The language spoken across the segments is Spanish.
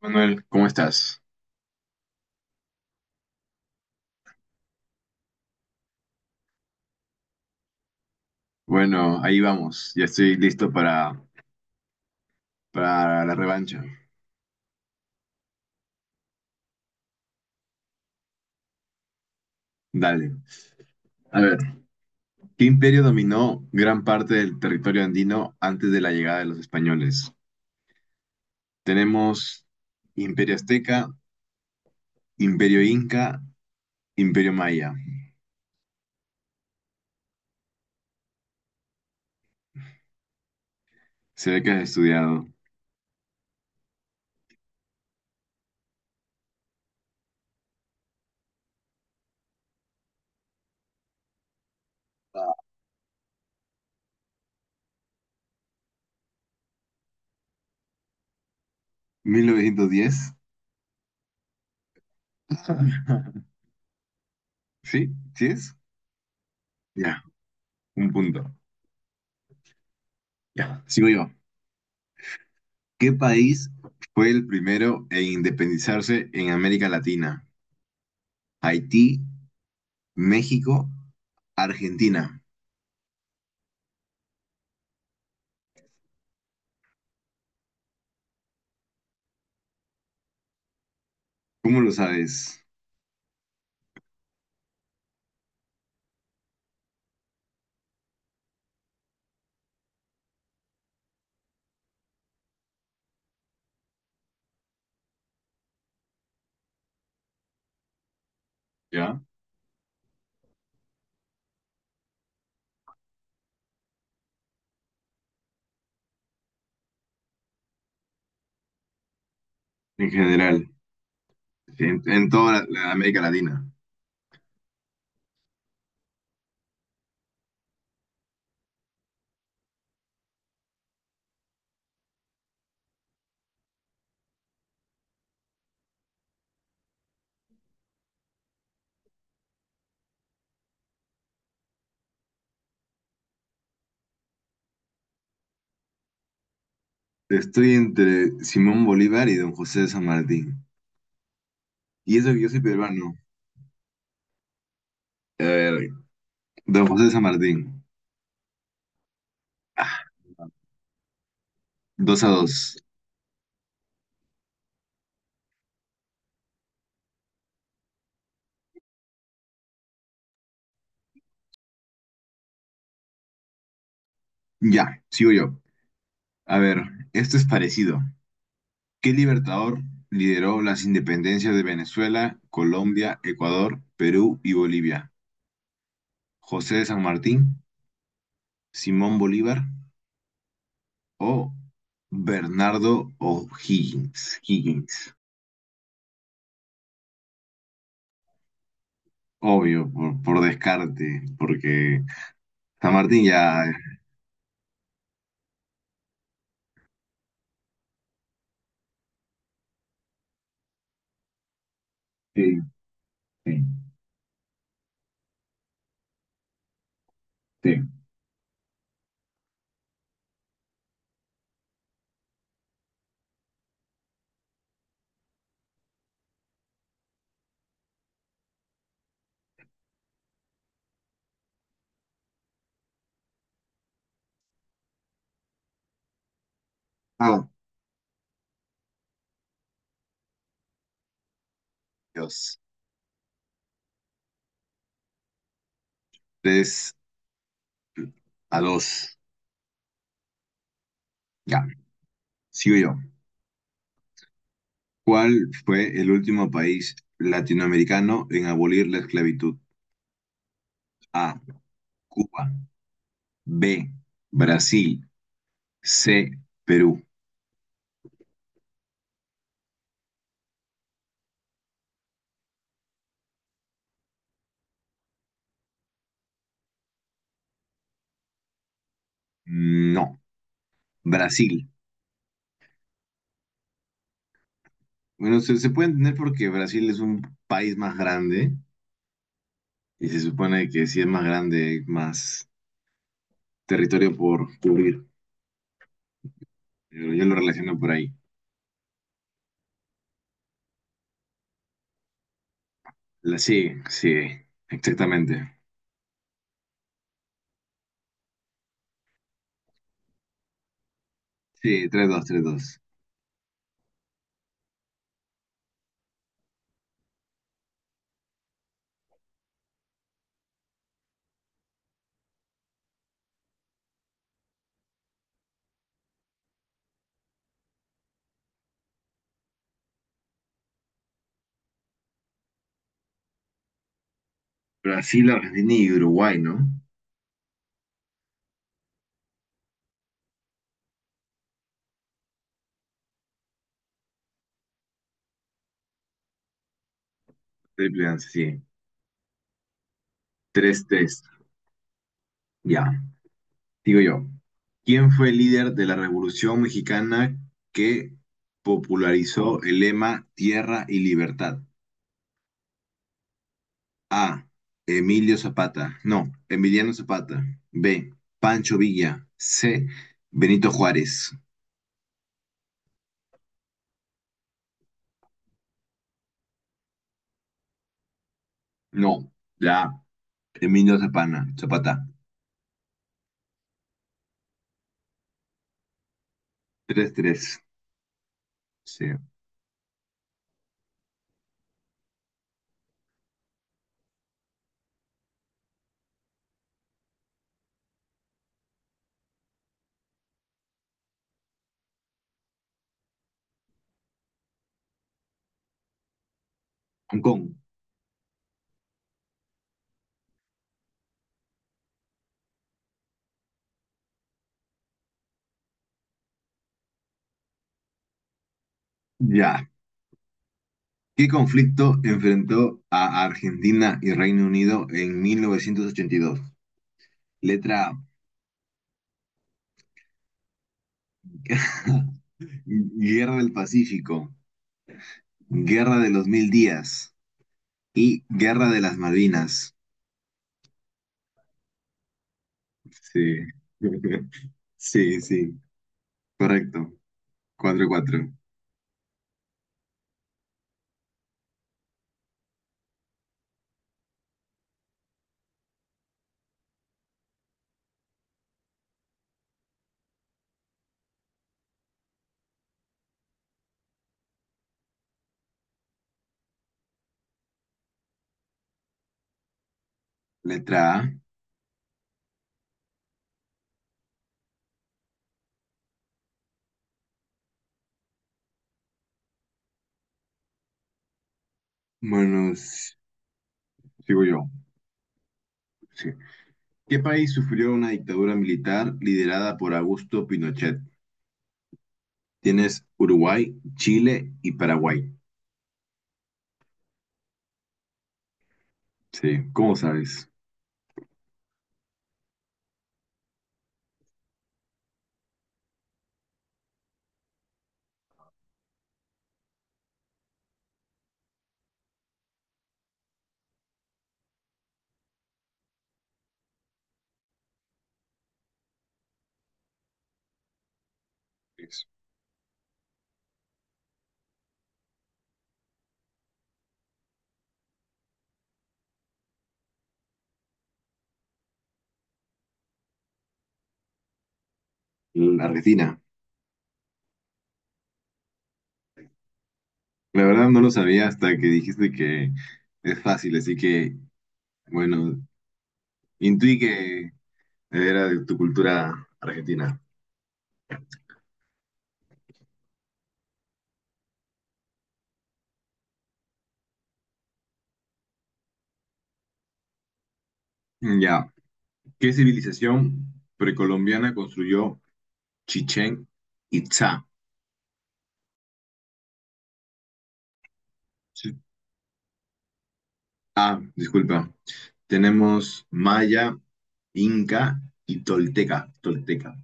Manuel, ¿cómo estás? Bueno, ahí vamos. Ya estoy listo para la revancha. Dale. A ver, ¿qué imperio dominó gran parte del territorio andino antes de la llegada de los españoles? Tenemos Imperio Azteca, Imperio Inca, Imperio Maya. Se ve que has estudiado. 1910. ¿Sí? ¿Sí es? Ya, un punto. Ya, sigo yo. ¿Qué país fue el primero en independizarse en América Latina? Haití, México, Argentina. ¿Cómo lo sabes? ¿Ya? En general, en toda la América Latina. Estoy entre Simón Bolívar y Don José de San Martín. Y eso que yo soy peruano. A ver, Don José de San Martín. Ah, dos a dos. Ya, sigo yo. A ver, esto es parecido. ¿Qué libertador lideró las independencias de Venezuela, Colombia, Ecuador, Perú y Bolivia? ¿José de San Martín? ¿Simón Bolívar? O Bernardo O'Higgins. Higgins. Obvio, por descarte, porque San Martín ya. Sí, sí, sí. Ah, Dios. 3 a dos. Ya, sigo yo. ¿Cuál fue el último país latinoamericano en abolir la esclavitud? A. Cuba. B. Brasil. C. Perú. No. Brasil. Bueno, se puede entender porque Brasil es un país más grande. Y se supone que si es más grande, más territorio por cubrir. Pero yo lo relaciono por ahí. La sí, sigue. Exactamente. Sí, tres dos, tres dos. Brasil, Argentina y Uruguay, ¿no? Triple chance, sí. Tres tres. Ya. Digo yo. ¿Quién fue el líder de la Revolución Mexicana que popularizó el lema Tierra y Libertad? A. Emilio Zapata. No, Emiliano Zapata. B. Pancho Villa. C. Benito Juárez. No, la A. Emilio Zapana, Zapata. Tres tres. Sí. Hong Kong. Ya. ¿Qué conflicto enfrentó a Argentina y Reino Unido en 1982? Letra A. Guerra del Pacífico. Guerra de los Mil Días. Y Guerra de las Malvinas. Sí. Sí, sí. Correcto. Cuatro y 4. Letra A. Bueno, sigo yo. Sí. ¿Qué país sufrió una dictadura militar liderada por Augusto Pinochet? Tienes Uruguay, Chile y Paraguay. Sí, ¿cómo sabes? Es La Argentina. La verdad no lo sabía hasta que dijiste que es fácil, así que, bueno, intuí que era de tu cultura argentina. Ya. ¿Qué civilización precolombiana construyó Chichén Itzá? Ah, disculpa. Tenemos maya, inca y tolteca. Tolteca.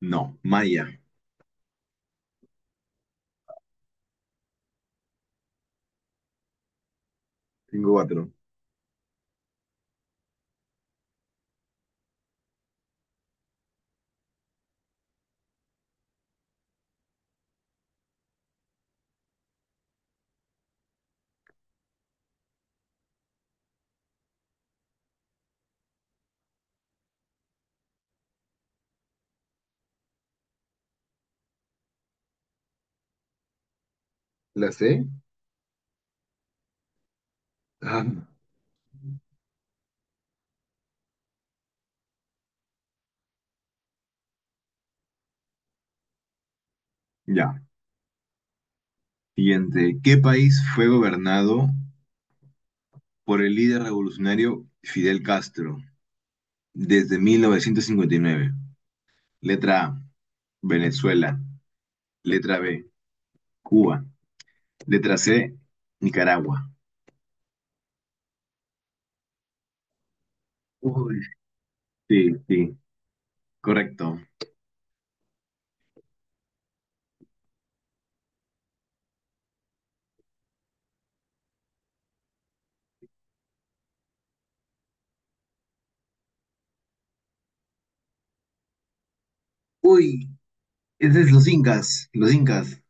No, maya. Tengo cuatro. ¿La sé? Ah, ya. Siguiente. ¿Qué país fue gobernado por el líder revolucionario Fidel Castro desde 1959? Letra A, Venezuela. Letra B, Cuba. Letra C, Nicaragua. Uy, sí, sí, correcto. Uy, ese es los incas, los incas.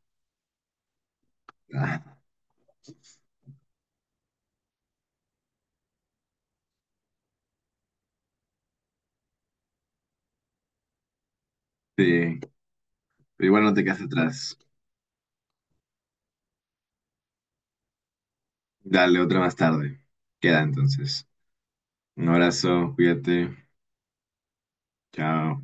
Sí, pero igual no te quedas atrás. Dale otra más tarde. Queda entonces. Un abrazo, cuídate. Chao.